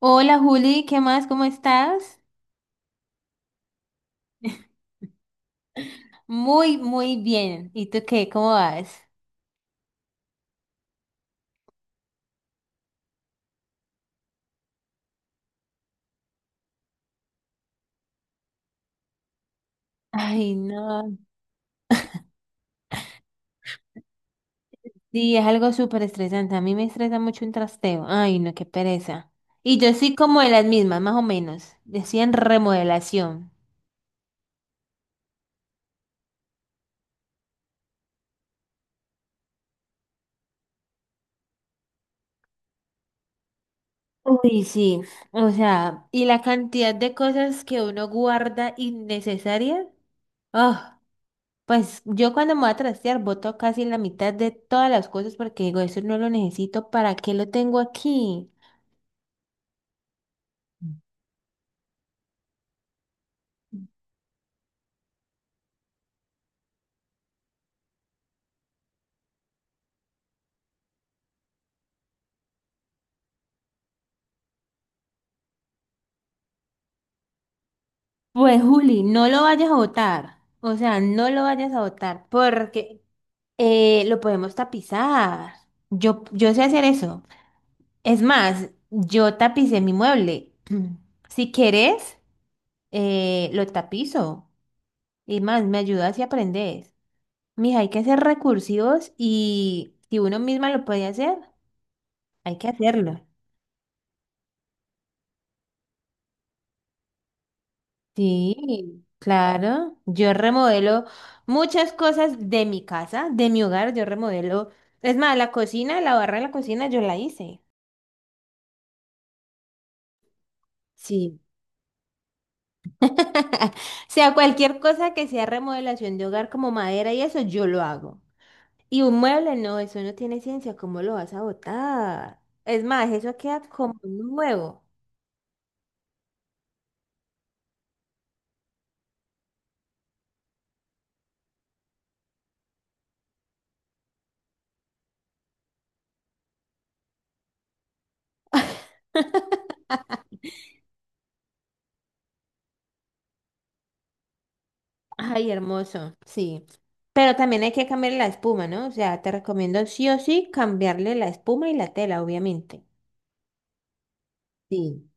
Hola Juli, ¿qué más? ¿Cómo estás? Muy, muy bien. ¿Y tú qué? ¿Cómo vas? Ay, no. Sí, es algo súper estresante. A mí me estresa mucho un trasteo. Ay, no, qué pereza. Y yo soy como de las mismas, más o menos. Decían remodelación. Uy, sí. O sea, y la cantidad de cosas que uno guarda innecesarias. Ah, pues yo cuando me voy a trastear boto casi la mitad de todas las cosas porque digo, eso no lo necesito. ¿Para qué lo tengo aquí? Pues Juli, no lo vayas a botar, o sea, no lo vayas a botar porque lo podemos tapizar. Yo sé hacer eso. Es más, yo tapicé mi mueble. Si quieres, lo tapizo. Y más, me ayudas y aprendes. Mija, hay que ser recursivos y si uno misma lo puede hacer, hay que hacerlo. Sí, claro. Yo remodelo muchas cosas de mi casa, de mi hogar, yo remodelo. Es más, la cocina, la barra de la cocina, yo la hice. Sí. O sea, cualquier cosa que sea remodelación de hogar como madera y eso, yo lo hago. Y un mueble, no, eso no tiene ciencia, ¿cómo lo vas a botar? Es más, eso queda como nuevo. Ay, hermoso, sí. Pero también hay que cambiar la espuma, ¿no? O sea, te recomiendo sí o sí cambiarle la espuma y la tela, obviamente. Sí.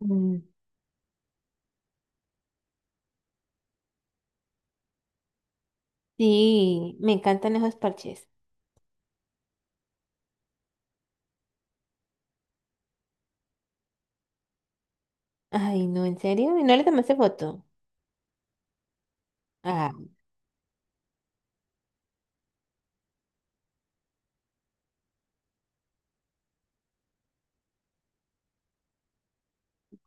Mm. Sí, me encantan esos parches. Ay, no, ¿en serio? ¿Y no le tomaste foto? Ah,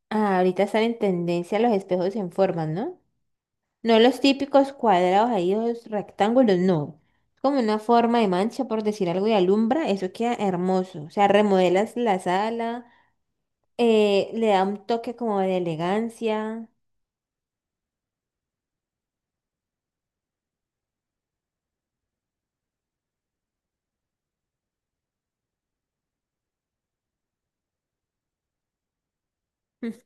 ah, ahorita están en tendencia los espejos en forma, ¿no? No los típicos cuadrados ahí, los rectángulos, no. Es como una forma de mancha, por decir algo, y alumbra, eso queda hermoso. O sea, remodelas la sala, le da un toque como de elegancia. Mm.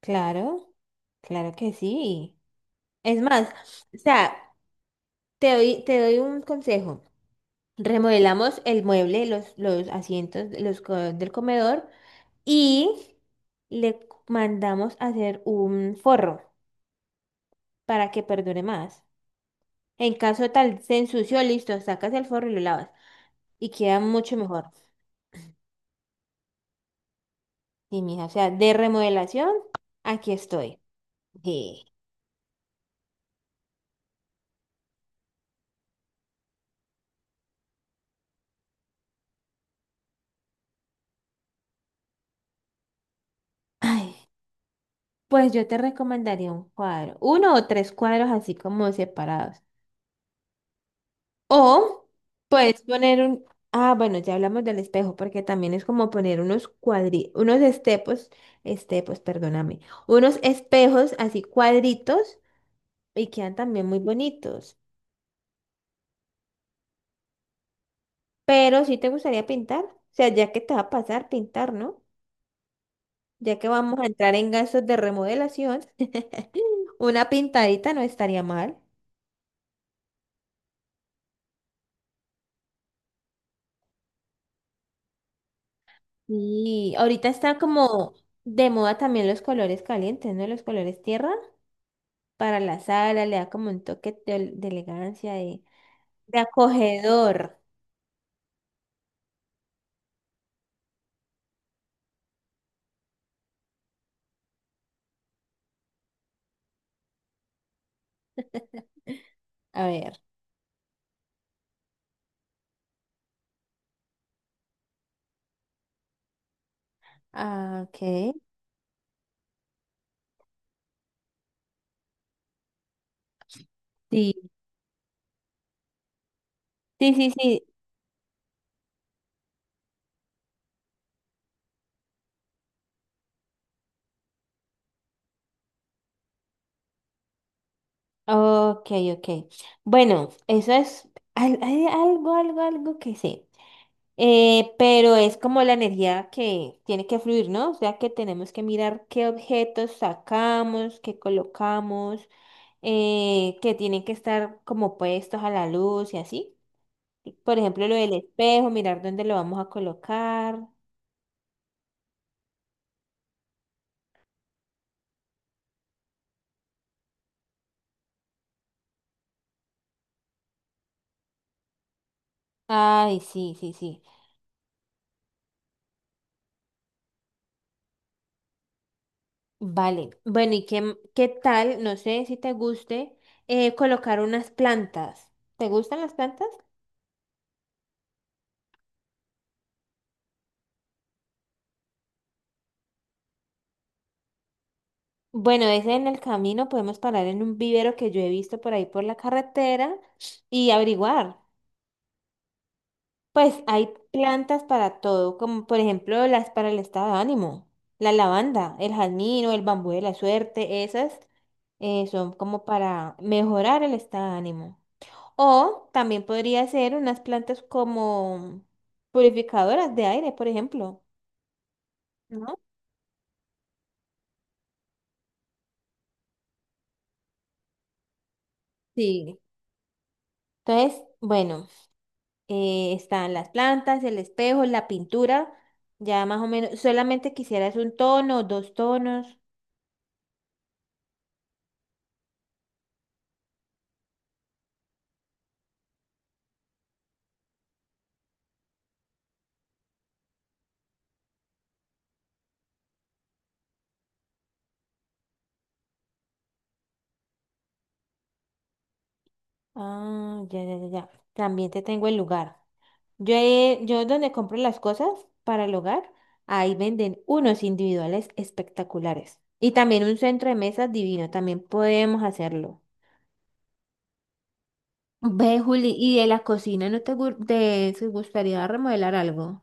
Claro, claro que sí. Es más, o sea, te doy un consejo. Remodelamos el mueble, los asientos, los del comedor y le mandamos a hacer un forro para que perdure más. En caso tal se ensució, listo, sacas el forro y lo lavas y queda mucho mejor. Sí, mija, o sea, de remodelación, aquí estoy. Sí. Ay, pues yo te recomendaría un cuadro, uno o tres cuadros así como separados. O puedes poner un... Ah, bueno, ya hablamos del espejo, porque también es como poner unos unos estepos, estepos, perdóname, unos espejos así cuadritos y quedan también muy bonitos. Pero si te gustaría pintar, o sea, ya que te va a pasar pintar, ¿no? Ya que vamos a entrar en gastos de remodelación, una pintadita no estaría mal. Y ahorita está como de moda también los colores calientes, ¿no? Los colores tierra. Para la sala, le da como un toque de elegancia, de acogedor. A ver, ah, ok. Sí, sí, sí, sí. Ok, ok. Bueno, eso es hay algo que sé. Pero es como la energía que tiene que fluir, ¿no? O sea que tenemos que mirar qué objetos sacamos, qué colocamos, que tienen que estar como puestos a la luz y así. Por ejemplo, lo del espejo, mirar dónde lo vamos a colocar. Ay, sí, sí, sí. Vale. Bueno, ¿y qué, qué tal? No sé si te guste colocar unas plantas. ¿Te gustan las plantas? Bueno, ese en el camino podemos parar en un vivero que yo he visto por ahí por la carretera y averiguar. Pues hay plantas para todo, como por ejemplo las para el estado de ánimo, la lavanda, el jazmín o el bambú de la suerte, esas son como para mejorar el estado de ánimo. O también podría ser unas plantas como purificadoras de aire, por ejemplo, ¿no? Sí. Entonces, bueno, están las plantas, el espejo, la pintura, ya más o menos, solamente quisieras un tono, dos tonos. Ah, ya, ya, ya, ya. También te tengo el lugar. Yo donde compro las cosas para el hogar, ahí venden unos individuales espectaculares. Y también un centro de mesas divino, también podemos hacerlo. Ve, Juli, ¿y de la cocina no te, te te gustaría remodelar algo?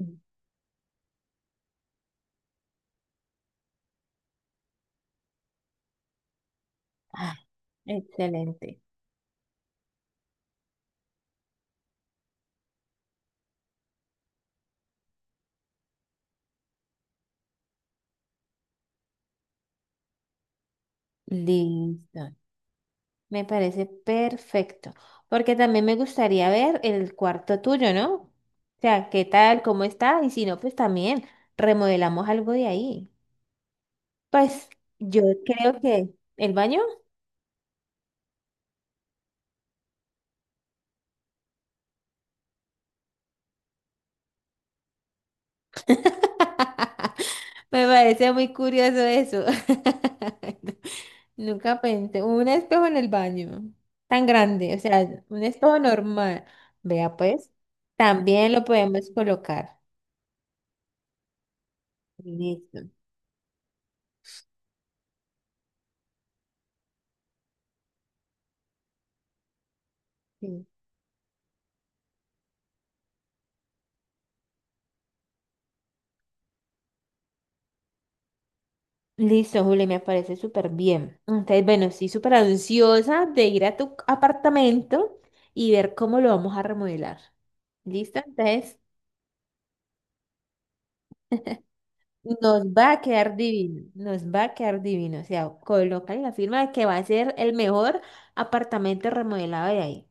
Mm. Ah, excelente. Listo. Me parece perfecto. Porque también me gustaría ver el cuarto tuyo, ¿no? O sea, ¿qué tal? ¿Cómo está? Y si no, pues también remodelamos algo de ahí. Pues yo creo que el baño. Me parece muy curioso eso. Nunca pensé, un espejo en el baño, tan grande, o sea, un espejo normal. Vea pues, también lo podemos colocar. Listo. Sí. Listo, Juli, me parece súper bien. Entonces, bueno, sí, súper ansiosa de ir a tu apartamento y ver cómo lo vamos a remodelar. ¿Listo? Entonces, nos va a quedar divino, nos va a quedar divino. O sea, colocan la firma de que va a ser el mejor apartamento remodelado de ahí.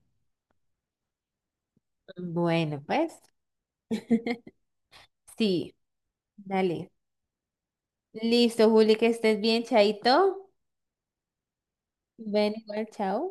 Bueno, pues sí, dale. Listo, Juli, que estés bien, chaito. Ven igual, chao.